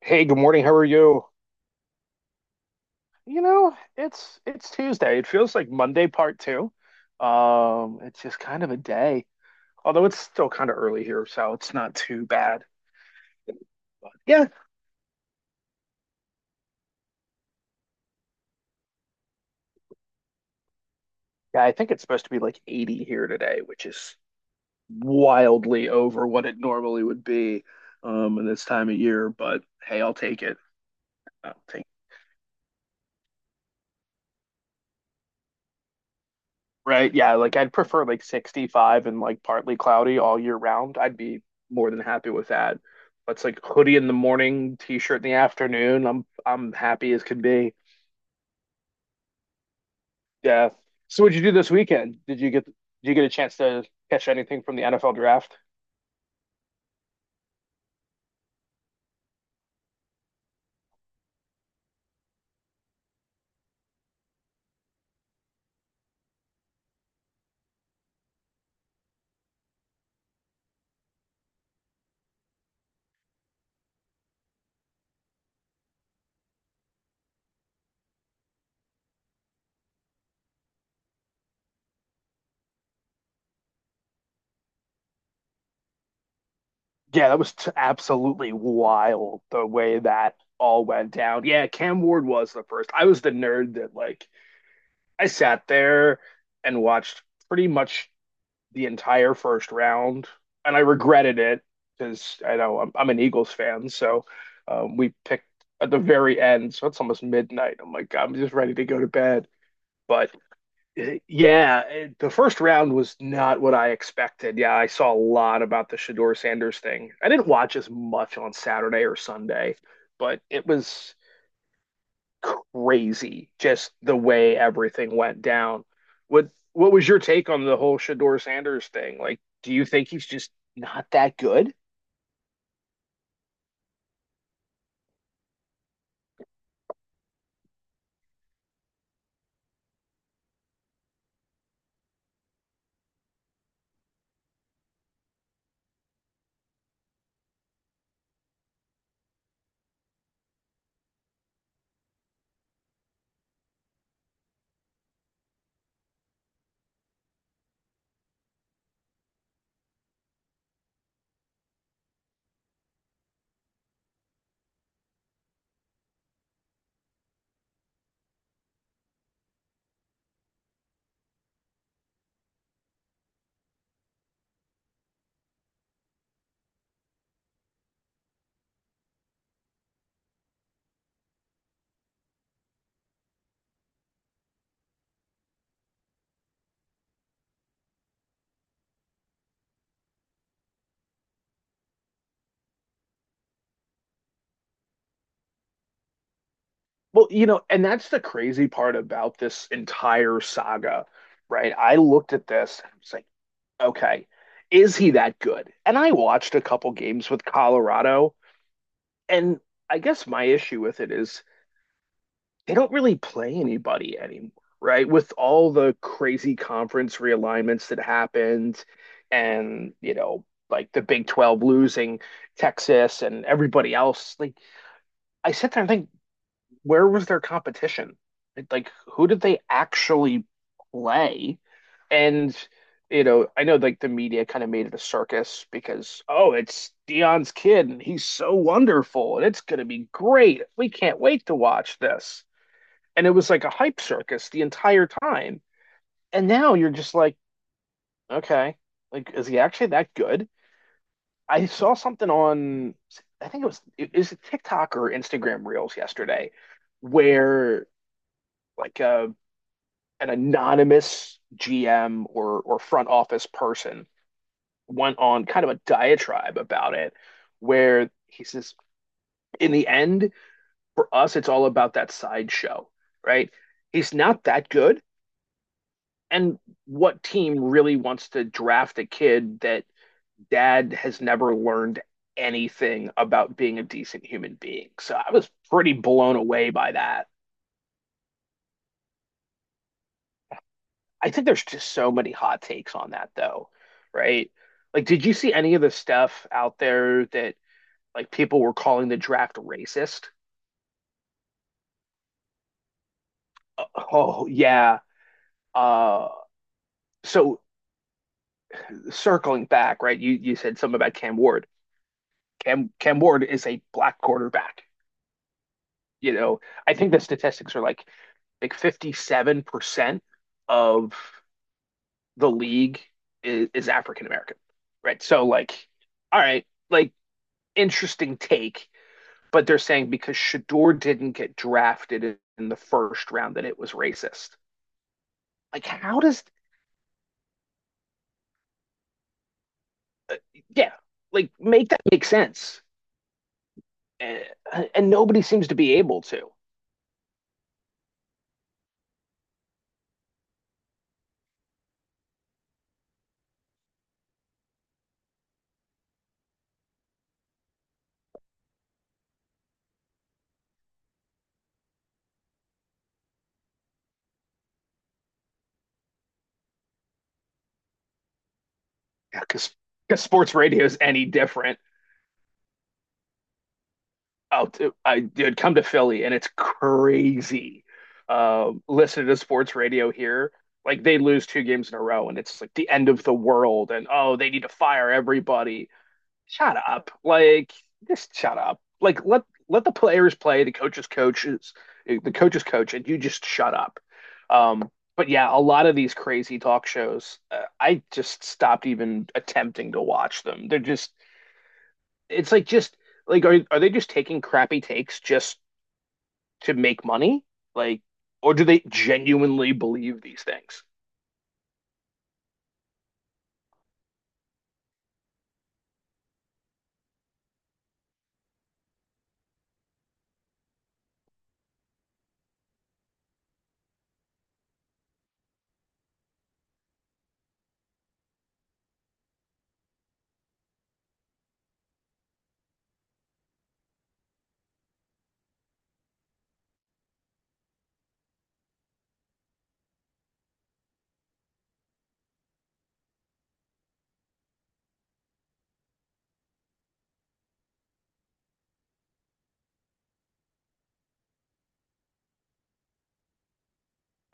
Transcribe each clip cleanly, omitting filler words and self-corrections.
Hey, good morning. How are you? It's Tuesday. It feels like Monday part two. It's just kind of a day. Although it's still kind of early here, so it's not too bad. But yeah, yeah, I think it's supposed to be like 80 here today, which is wildly over what it normally would be in this time of year, but hey, I'll take it. I'll take. Right? Yeah, like I'd prefer like 65 and like partly cloudy all year round. I'd be more than happy with that. But it's like hoodie in the morning, t-shirt in the afternoon. I'm happy as can be. Yeah. So what'd you do this weekend? Did you get a chance to catch anything from the NFL draft? Yeah, that was t absolutely wild the way that all went down. Yeah, Cam Ward was the first. I was the nerd that, like, I sat there and watched pretty much the entire first round, and I regretted it because I know I'm an Eagles fan, so we picked at the very end, so it's almost midnight. I'm like, I'm just ready to go to bed. But yeah, the first round was not what I expected. Yeah, I saw a lot about the Shador Sanders thing. I didn't watch as much on Saturday or Sunday, but it was crazy just the way everything went down. What was your take on the whole Shador Sanders thing? Like, do you think he's just not that good? Well, you know, and that's the crazy part about this entire saga, right? I looked at this and I was like, okay, is he that good? And I watched a couple games with Colorado, and I guess my issue with it is they don't really play anybody anymore, right? With all the crazy conference realignments that happened and, you know, like the Big 12 losing Texas and everybody else, like I sit there and think, where was their competition? Like, who did they actually play? And, you know, I know like the media kind of made it a circus because, oh, it's Dion's kid and he's so wonderful and it's going to be great. We can't wait to watch this, and it was like a hype circus the entire time. And now you're just like, okay, like is he actually that good? I saw something on, I think it was TikTok or Instagram Reels yesterday, where like a an anonymous GM or front office person went on kind of a diatribe about it, where he says, in the end, for us, it's all about that sideshow, right? He's not that good, and what team really wants to draft a kid that dad has never learned anything about being a decent human being? So I was pretty blown away by that. I think there's just so many hot takes on that though, right? Like, did you see any of the stuff out there that like people were calling the draft racist? Oh oh, yeah. Uh, so circling back, right? You said something about Cam Ward. Cam Ward is a black quarterback. You know, I think the statistics are like 57% of the league is African American, right? So like, all right, like interesting take, but they're saying because Shador didn't get drafted in the first round that it was racist. Like, how does, yeah, like make that make sense? And, and nobody seems to be able to, because yeah, because sports radio is any different. Oh, I did come to Philly and it's crazy. Listening to sports radio here, like they lose two games in a row and it's like the end of the world and oh, they need to fire everybody. Shut up. Like, just shut up. Like, let let the players play, the coaches coach, and you just shut up. Um, but yeah, a lot of these crazy talk shows, I just stopped even attempting to watch them. They're just, it's like just like, are they just taking crappy takes just to make money? Like, or do they genuinely believe these things?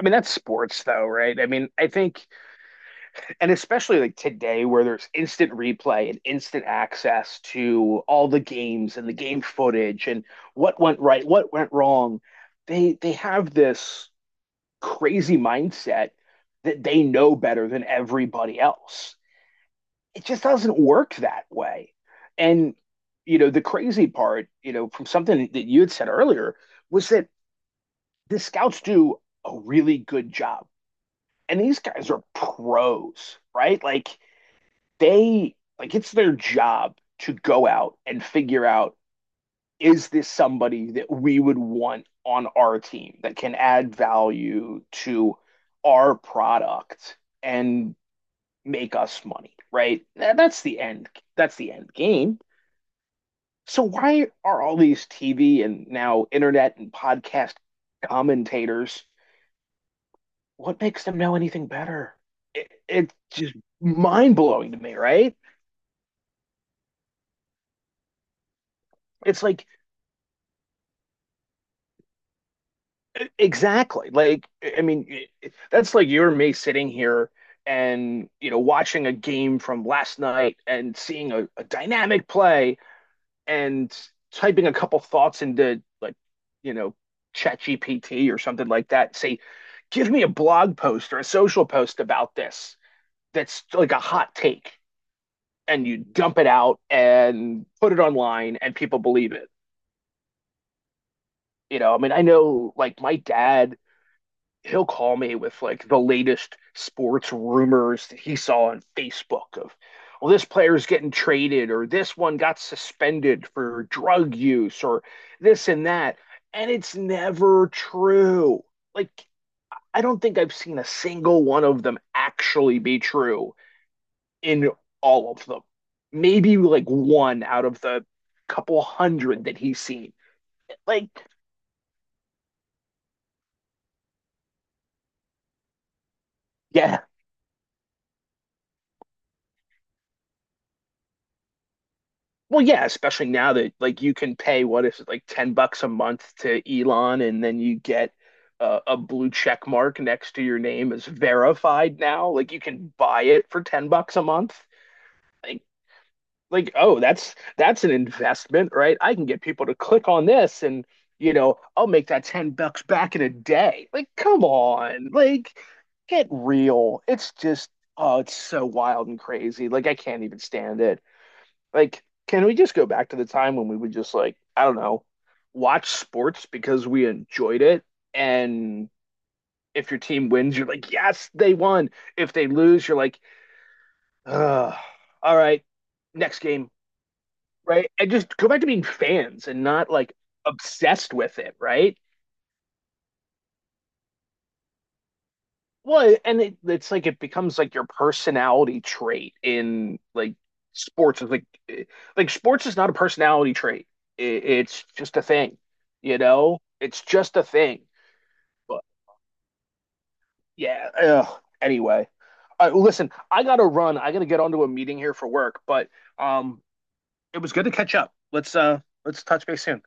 I mean, that's sports, though, right? I mean, I think, and especially like today, where there's instant replay and instant access to all the games and the game footage and what went right, what went wrong, they have this crazy mindset that they know better than everybody else. It just doesn't work that way. And, you know, the crazy part, you know, from something that you had said earlier, was that the scouts do a really good job. And these guys are pros, right? Like, they, like, it's their job to go out and figure out, is this somebody that we would want on our team that can add value to our product and make us money, right? That's the end. That's the end game. So why are all these TV and now internet and podcast commentators, what makes them know anything better? It's just mind blowing to me, right? It's like, exactly, I mean, that's like you and me sitting here and, you know, watching a game from last night and seeing a dynamic play and typing a couple thoughts into, like, you know, ChatGPT or something like that. Say, give me a blog post or a social post about this that's like a hot take, and you dump it out and put it online and people believe it. You know, I mean, I know like my dad, he'll call me with like the latest sports rumors that he saw on Facebook of, well, this player's getting traded or this one got suspended for drug use or this and that. And it's never true. Like, I don't think I've seen a single one of them actually be true in all of them. Maybe like one out of the couple hundred that he's seen. Like, yeah. Well, yeah, especially now that like you can pay, what is it, like $10 a month to Elon, and then you get a blue check mark next to your name as verified now. Like you can buy it for $10 a month. Like like, oh, that's an investment, right? I can get people to click on this and, you know, I'll make that $10 back in a day. Like, come on, like, get real. It's just, oh, it's so wild and crazy, like I can't even stand it. Like, can we just go back to the time when we would just, like, I don't know, watch sports because we enjoyed it, and if your team wins, you're like, yes, they won. If they lose, you're like, ugh, all right, next game, right? And just go back to being fans and not like obsessed with it, right? Well, and it's like it becomes like your personality trait in like sports. It's like, eh, like sports is not a personality trait. It's just a thing, you know? It's just a thing. But yeah, ugh. Anyway. All right, listen, I gotta run. I gotta get onto a meeting here for work, but um it was good to catch up. Let's, let's touch base soon.